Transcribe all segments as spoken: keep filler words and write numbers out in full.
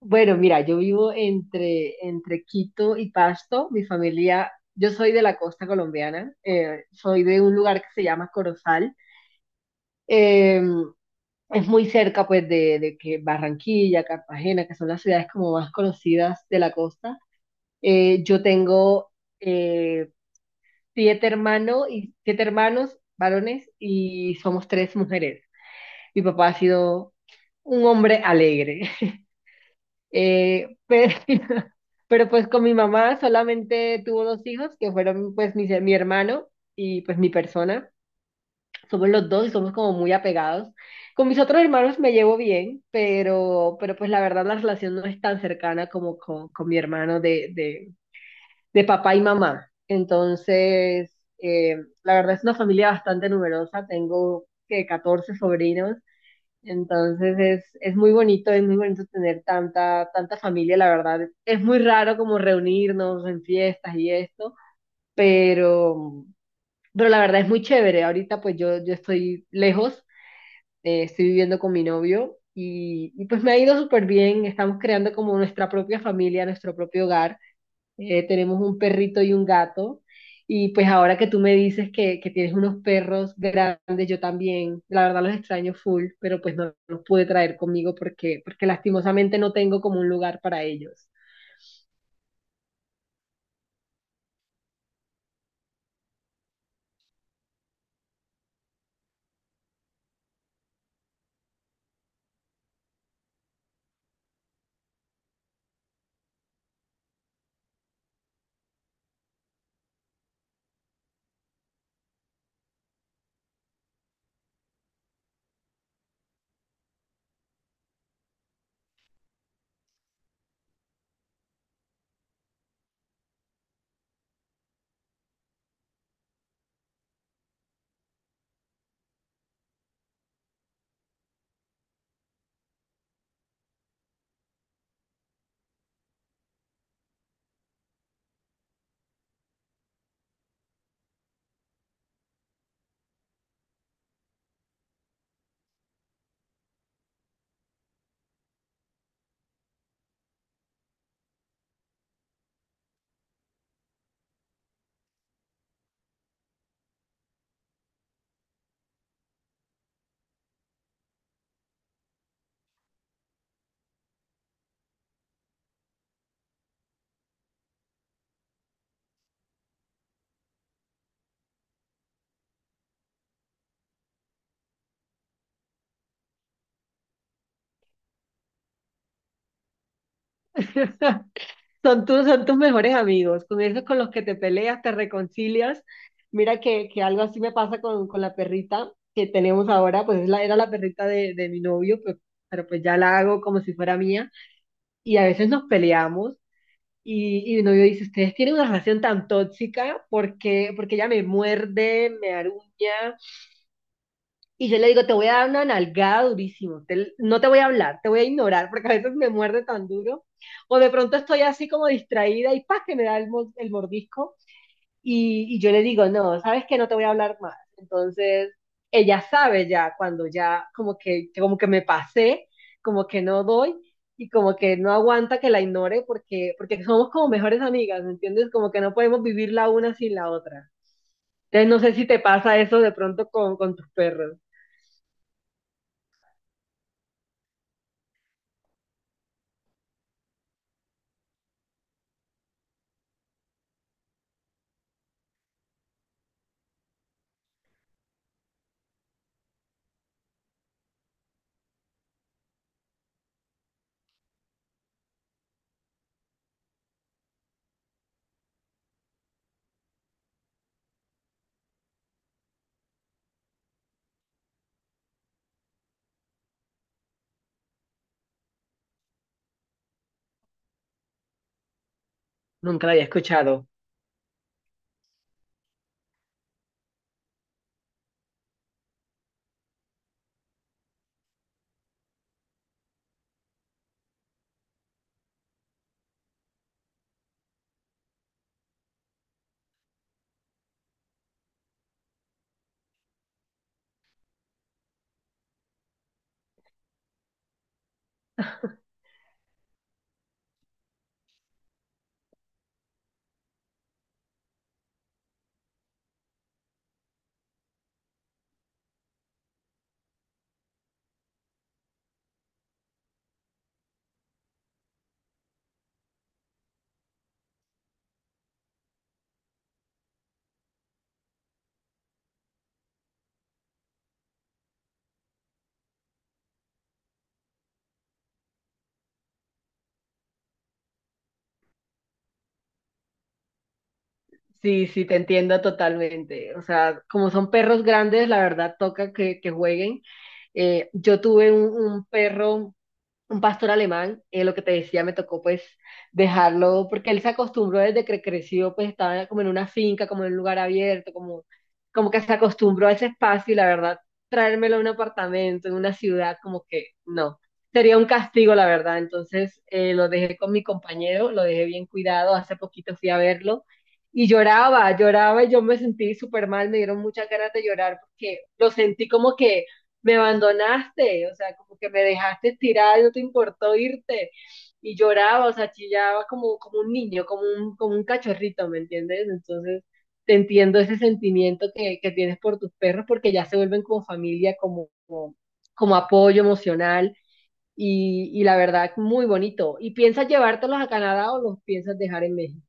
Bueno, mira, yo vivo entre, entre Quito y Pasto. Mi familia, yo soy de la costa colombiana, eh, soy de un lugar que se llama Corozal. Eh, es muy cerca, pues, de, de que Barranquilla, Cartagena, que son las ciudades como más conocidas de la costa. Eh, yo tengo eh, siete hermanos y siete hermanos varones y somos tres mujeres. Mi papá ha sido un hombre alegre. Eh, pero, pero pues con mi mamá solamente tuvo dos hijos, que fueron pues mi, mi hermano y pues mi persona. Somos los dos y somos como muy apegados. Con mis otros hermanos me llevo bien, pero, pero pues la verdad la relación no es tan cercana como con, con mi hermano de, de, de papá y mamá. Entonces, eh, la verdad es una familia bastante numerosa. Tengo que catorce sobrinos, entonces es, es muy bonito, es muy bonito tener tanta, tanta familia, la verdad. Es muy raro como reunirnos en fiestas y esto, pero, pero la verdad es muy chévere. Ahorita pues yo, yo estoy lejos, eh, estoy viviendo con mi novio y, y pues me ha ido súper bien. Estamos creando como nuestra propia familia, nuestro propio hogar. Eh, tenemos un perrito y un gato. Y pues ahora que tú me dices que, que tienes unos perros grandes, yo también, la verdad los extraño full, pero pues no los pude traer conmigo porque, porque lastimosamente no tengo como un lugar para ellos. Son tus, son tus mejores amigos, con esos con los que te peleas, te reconcilias. Mira que, que algo así me pasa con, con la perrita que tenemos ahora, pues es la, era la perrita de, de mi novio, pero, pero pues ya la hago como si fuera mía. Y a veces nos peleamos. Y, y mi novio dice, ustedes tienen una relación tan tóxica porque, porque ella me muerde, me aruña. Y yo le digo, te voy a dar una nalgada durísimo, te- no te voy a hablar, te voy a ignorar porque a veces me muerde tan duro. O de pronto estoy así como distraída y ¡pah! Que me da el, mo- el mordisco. Y, y yo le digo, no, sabes que no te voy a hablar más. Entonces, ella sabe ya cuando ya como que, como que me pasé, como que no doy y como que no aguanta que la ignore porque, porque somos como mejores amigas, ¿me entiendes? Como que no podemos vivir la una sin la otra. Entonces, no sé si te pasa eso de pronto con, con tus perros. Nunca lo había escuchado. Sí, sí, te entiendo totalmente. O sea, como son perros grandes, la verdad toca que, que jueguen. Eh, yo tuve un, un perro, un pastor alemán, eh, lo que te decía, me tocó pues dejarlo, porque él se acostumbró desde que creció, pues estaba como en una finca, como en un lugar abierto, como, como que se acostumbró a ese espacio y la verdad, traérmelo a un apartamento, en una ciudad, como que no, sería un castigo, la verdad. Entonces eh, lo dejé con mi compañero, lo dejé bien cuidado, hace poquito fui a verlo. Y lloraba, lloraba y yo me sentí súper mal, me dieron muchas ganas de llorar porque lo sentí como que me abandonaste, o sea, como que me dejaste tirada y no te importó irte. Y lloraba, o sea, chillaba como, como un niño, como un, como un cachorrito, ¿me entiendes? Entonces, te entiendo ese sentimiento que, que tienes por tus perros porque ya se vuelven como familia, como, como, como apoyo emocional y, y la verdad, muy bonito. ¿Y piensas llevártelos a Canadá o los piensas dejar en México?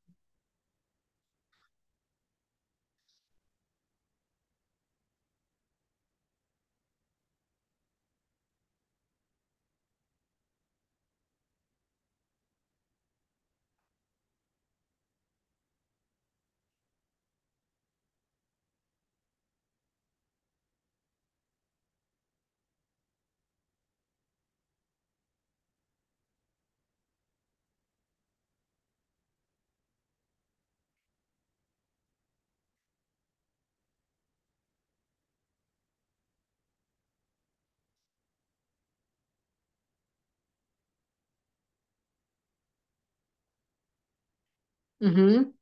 Ujú.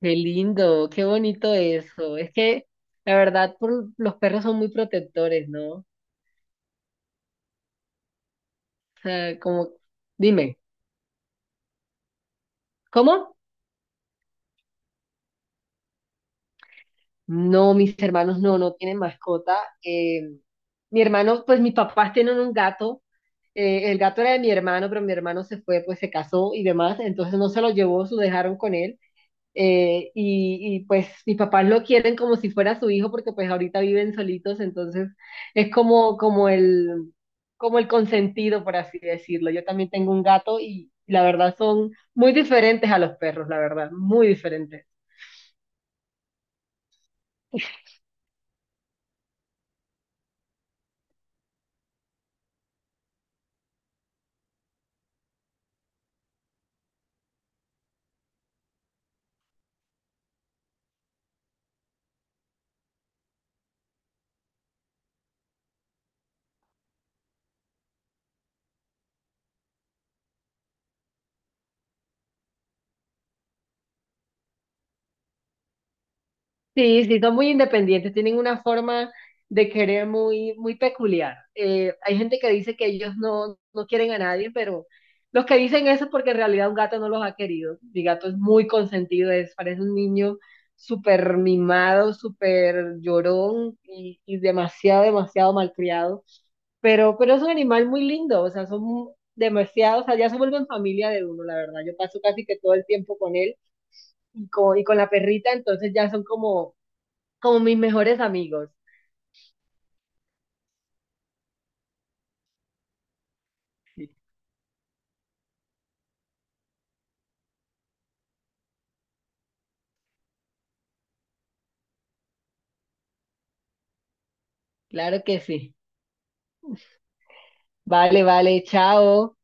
Qué lindo, qué bonito eso. Es que la verdad, por, los perros son muy protectores, ¿no? Sea, como, dime, ¿cómo? No, mis hermanos no, no tienen mascota. Eh, Mi hermano, pues mis papás tienen un gato. Eh, el gato era de mi hermano, pero mi hermano se fue, pues se casó y demás, entonces no se lo llevó, se lo dejaron con él. eh, y, y, pues mis papás lo quieren como si fuera su hijo, porque pues ahorita viven solitos, entonces es como, como el, como el consentido, por así decirlo. Yo también tengo un gato y la verdad son muy diferentes a los perros, la verdad, muy diferentes. Sí, sí, son muy independientes, tienen una forma de querer muy, muy peculiar. Eh, hay gente que dice que ellos no, no quieren a nadie, pero los que dicen eso es porque en realidad un gato no los ha querido. Mi gato es muy consentido, es, parece un niño súper mimado, súper llorón y, y demasiado, demasiado malcriado. Pero, pero es un animal muy lindo, o sea, son demasiado, o sea, ya se vuelven familia de uno, la verdad. Yo paso casi que todo el tiempo con él y con, y con la perrita, entonces ya son como como mis mejores amigos. Claro que sí. Vale, vale, chao.